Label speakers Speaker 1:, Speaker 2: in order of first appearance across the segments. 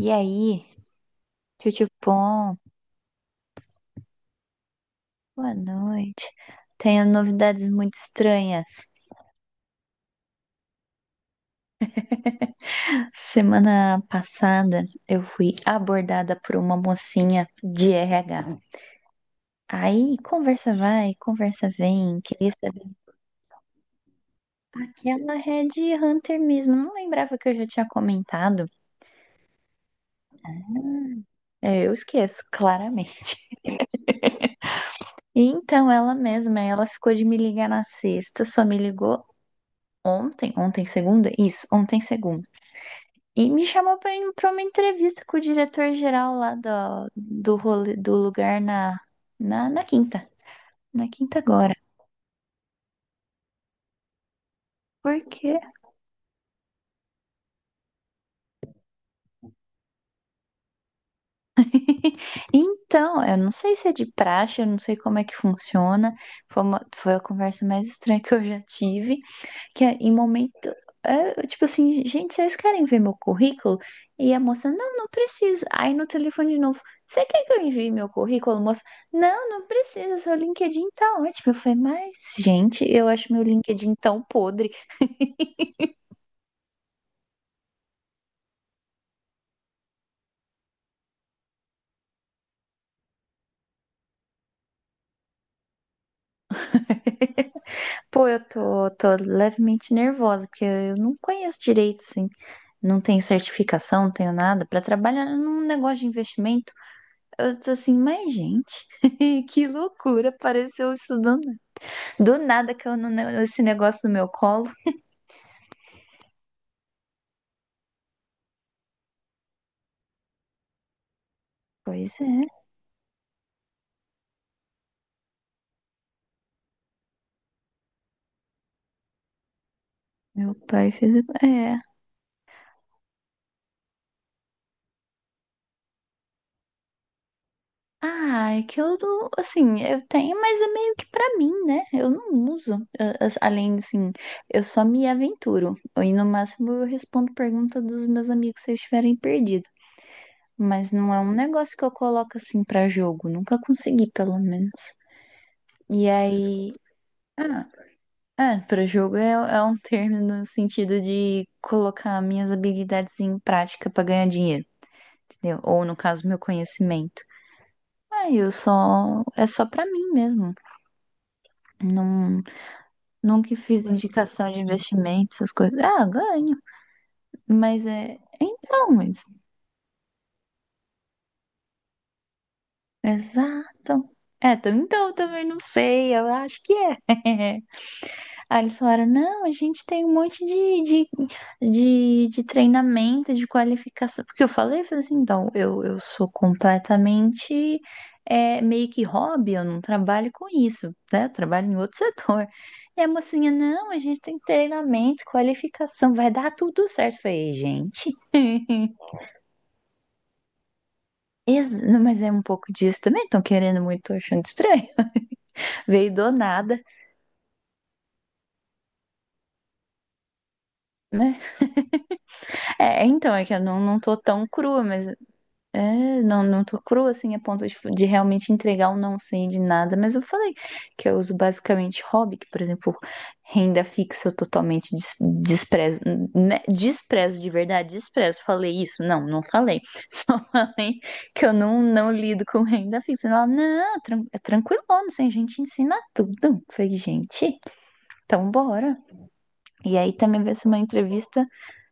Speaker 1: E aí, Tchutchupom, boa noite. Tenho novidades muito estranhas. Semana passada eu fui abordada por uma mocinha de RH. Aí conversa vai, conversa vem, queria saber que ela é de Hunter mesmo. Não lembrava que eu já tinha comentado. É, eu esqueço, claramente. Então ela mesma, ela ficou de me ligar na sexta, só me ligou ontem, ontem segunda? Isso, ontem segunda. E me chamou pra ir pra uma entrevista com o diretor-geral lá do lugar na quinta. Na quinta agora. Porque Então, eu não sei se é de praxe, eu não sei como é que funciona. Foi a conversa mais estranha que eu já tive. Que é, em momento, é, eu, tipo assim, gente, vocês querem ver meu currículo? E a moça, não, não precisa. Aí no telefone de novo, você quer que eu envie meu currículo, moça? Não, não precisa, seu LinkedIn tá ótimo. Eu falei, mas, gente, eu acho meu LinkedIn tão podre. Pô, eu tô levemente nervosa, porque eu não conheço direito, assim. Não tenho certificação, não tenho nada para trabalhar num negócio de investimento. Eu tô assim, mas gente, que loucura, apareceu isso do nada que eu não esse negócio no meu colo. Pois é, meu pai fez, é. Ah, é que eu, não- assim, eu tenho, mas é meio que pra mim, né? Eu não uso. A- Além, assim, eu só me aventuro. E no máximo eu respondo pergunta dos meus amigos se eles estiverem perdidos. Mas não é um negócio que eu coloco assim pra jogo. Nunca consegui, pelo menos. E aí. Ah, é, pra jogo é, é um termo no sentido de colocar minhas habilidades em prática pra ganhar dinheiro, entendeu? Ou no caso, meu conhecimento. Ah, eu só. É só pra mim mesmo. Não, nunca fiz indicação de investimento, essas coisas. Ah, ganho. Mas é. Então, mas exato. É, tam- então eu também não sei, eu acho que é. Aí eles falaram, não, a gente tem um monte de treinamento, de qualificação. Porque eu falei assim, então, eu sou completamente é, meio que hobby, eu não trabalho com isso, né? Eu trabalho em outro setor. E a mocinha, não, a gente tem treinamento, qualificação, vai dar tudo certo. Eu falei, gente, ex- mas é um pouco disso também, estão querendo muito, tô achando estranho. Veio do nada, né? É, é, então, é que eu não, não tô tão crua, mas é, não, não tô crua assim a ponto de realmente entregar um não sei de nada, mas eu falei que eu uso basicamente hobby, que, por exemplo, renda fixa eu totalmente des- desprezo, né? Desprezo de verdade, desprezo. Falei isso? Não, não falei. Falei que eu não, não lido com renda fixa. Ela, não, é tranquilo, assim, a gente ensina tudo. Eu falei, gente, então bora. E aí também vai ser uma entrevista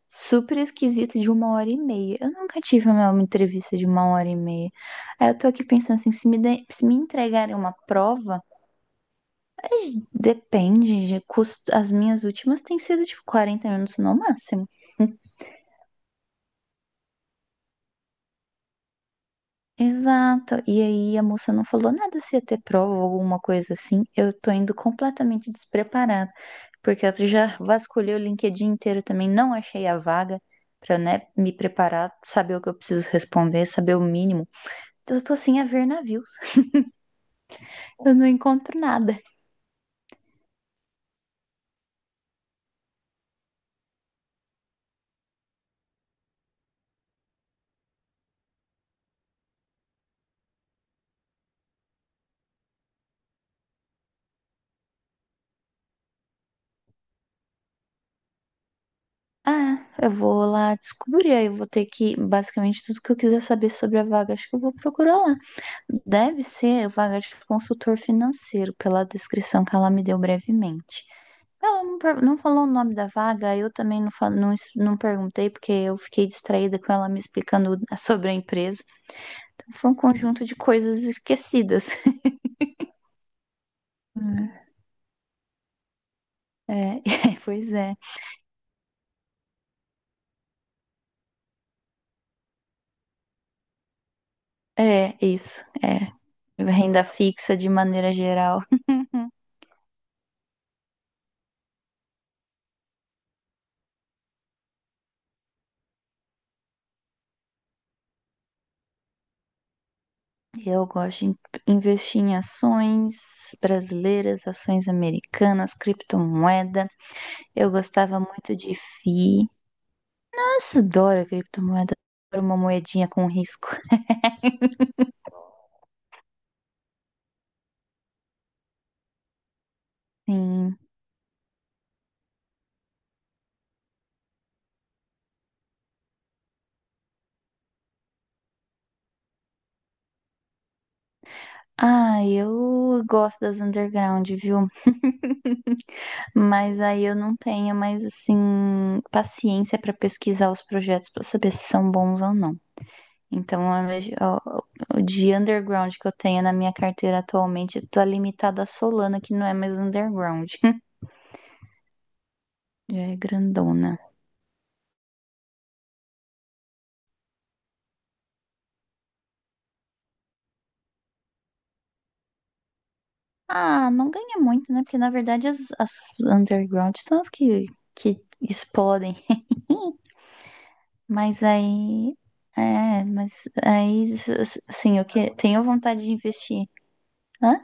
Speaker 1: super esquisita de uma hora e meia. Eu nunca tive uma entrevista de uma hora e meia. Aí eu tô aqui pensando assim, se me, de- se me entregarem uma prova, mas depende de custo. As minhas últimas têm sido tipo 40 minutos no máximo. Exato. E aí a moça não falou nada se ia ter prova ou alguma coisa assim. Eu tô indo completamente despreparada, porque eu já vasculhei o LinkedIn inteiro também, não achei a vaga pra, né, me preparar, saber o que eu preciso responder, saber o mínimo. Eu tô sem a ver navios. Eu não encontro nada. Ah, eu vou lá descobrir. Aí eu vou ter que, basicamente, tudo que eu quiser saber sobre a vaga, acho que eu vou procurar lá. Deve ser vaga de consultor financeiro, pela descrição que ela me deu brevemente. Ela não, per- não falou o nome da vaga, eu também não, fal- não, es- não perguntei, porque eu fiquei distraída com ela me explicando sobre a empresa. Então, foi um conjunto de coisas esquecidas. É, é, pois é. É, isso. É, renda fixa de maneira geral. Eu gosto de investir em ações brasileiras, ações americanas, criptomoeda. Eu gostava muito de FI. Nossa, adoro criptomoeda. Adoro uma moedinha com risco. Sim. Ah, eu gosto das underground, viu? Mas aí eu não tenho mais, assim, paciência para pesquisar os projetos para saber se são bons ou não. Então, a minha- ó, o de underground que eu tenho na minha carteira atualmente tá limitado à Solana, que não é mais underground. Já é grandona. Ah, não ganha muito, né? Porque na verdade as underground são as que explodem. Mas aí. É, mas aí. Assim, eu que, tenho vontade de investir. Hã?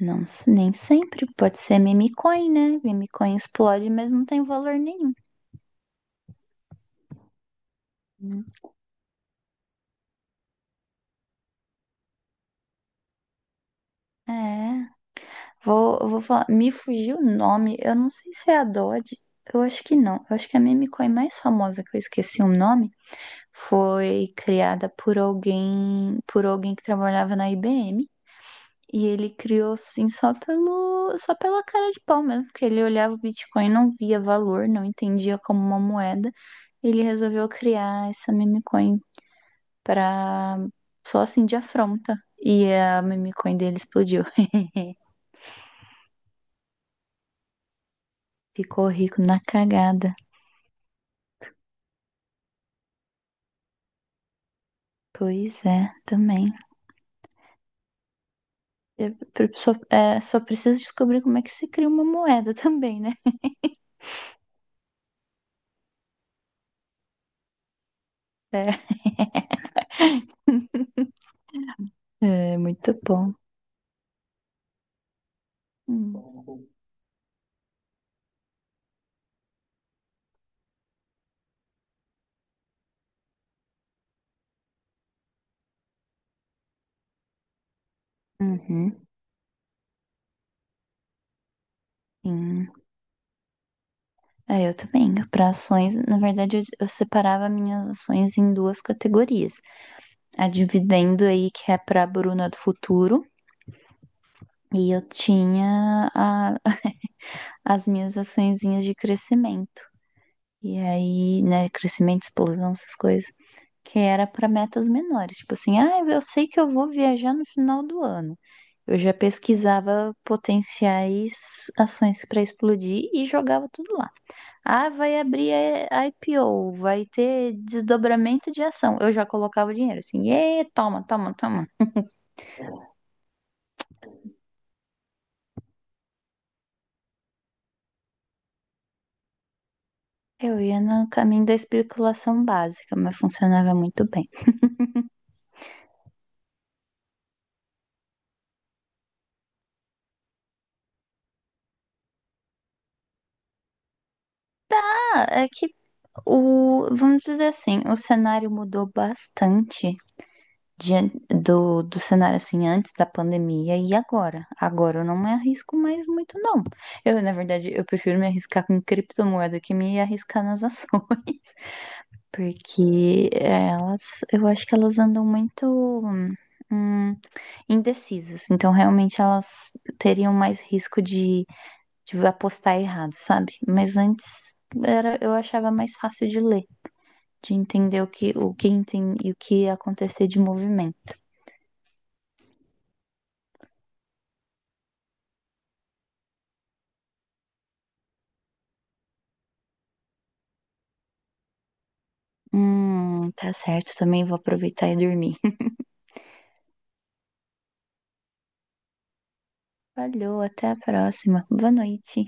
Speaker 1: Não, s- nem sempre. Pode ser meme coin, né? Meme coin explode, mas não tem valor nenhum. Hum. É. Vou, eu vou falar, me fugiu o nome, eu não sei se é a Dodge, eu acho que não. Eu acho que a meme coin mais famosa que eu esqueci o nome foi criada por alguém que trabalhava na IBM. E ele criou assim só pelo, só pela cara de pau mesmo, porque ele olhava o Bitcoin, não via valor, não entendia como uma moeda. Ele resolveu criar essa meme coin pra só assim de afronta. E a meme coin dele explodiu. Ficou rico na cagada. Pois é, também. Eu pre- só, é, só preciso descobrir como é que se cria uma moeda também, né? É, é muito bom. Hum. Uhum. Sim. É, eu também. Para ações, na verdade, eu separava minhas ações em duas categorias. A dividendo aí, que é para a Bruna do futuro, e eu tinha a- as minhas açõezinhas de crescimento. E aí, né, crescimento, explosão, essas coisas. Que era para metas menores, tipo assim, ah, eu sei que eu vou viajar no final do ano. Eu já pesquisava potenciais ações para explodir e jogava tudo lá. Ah, vai abrir a IPO, vai ter desdobramento de ação. Eu já colocava o dinheiro assim, e toma, toma, toma. Eu ia no caminho da especulação básica, mas funcionava muito bem. Ah, é que o, vamos dizer assim, o cenário mudou bastante diante do cenário assim antes da pandemia e agora. Agora eu não me arrisco mais muito, não. Eu, na verdade, eu prefiro me arriscar com criptomoeda que me arriscar nas ações, porque elas, eu acho que elas andam muito hum, indecisas. Então, realmente, elas teriam mais risco de apostar errado, sabe? Mas antes era, eu achava mais fácil de ler, de entender o que entende, e o que ia acontecer de movimento. Tá certo. Também vou aproveitar e dormir. Valeu, até a próxima. Boa noite.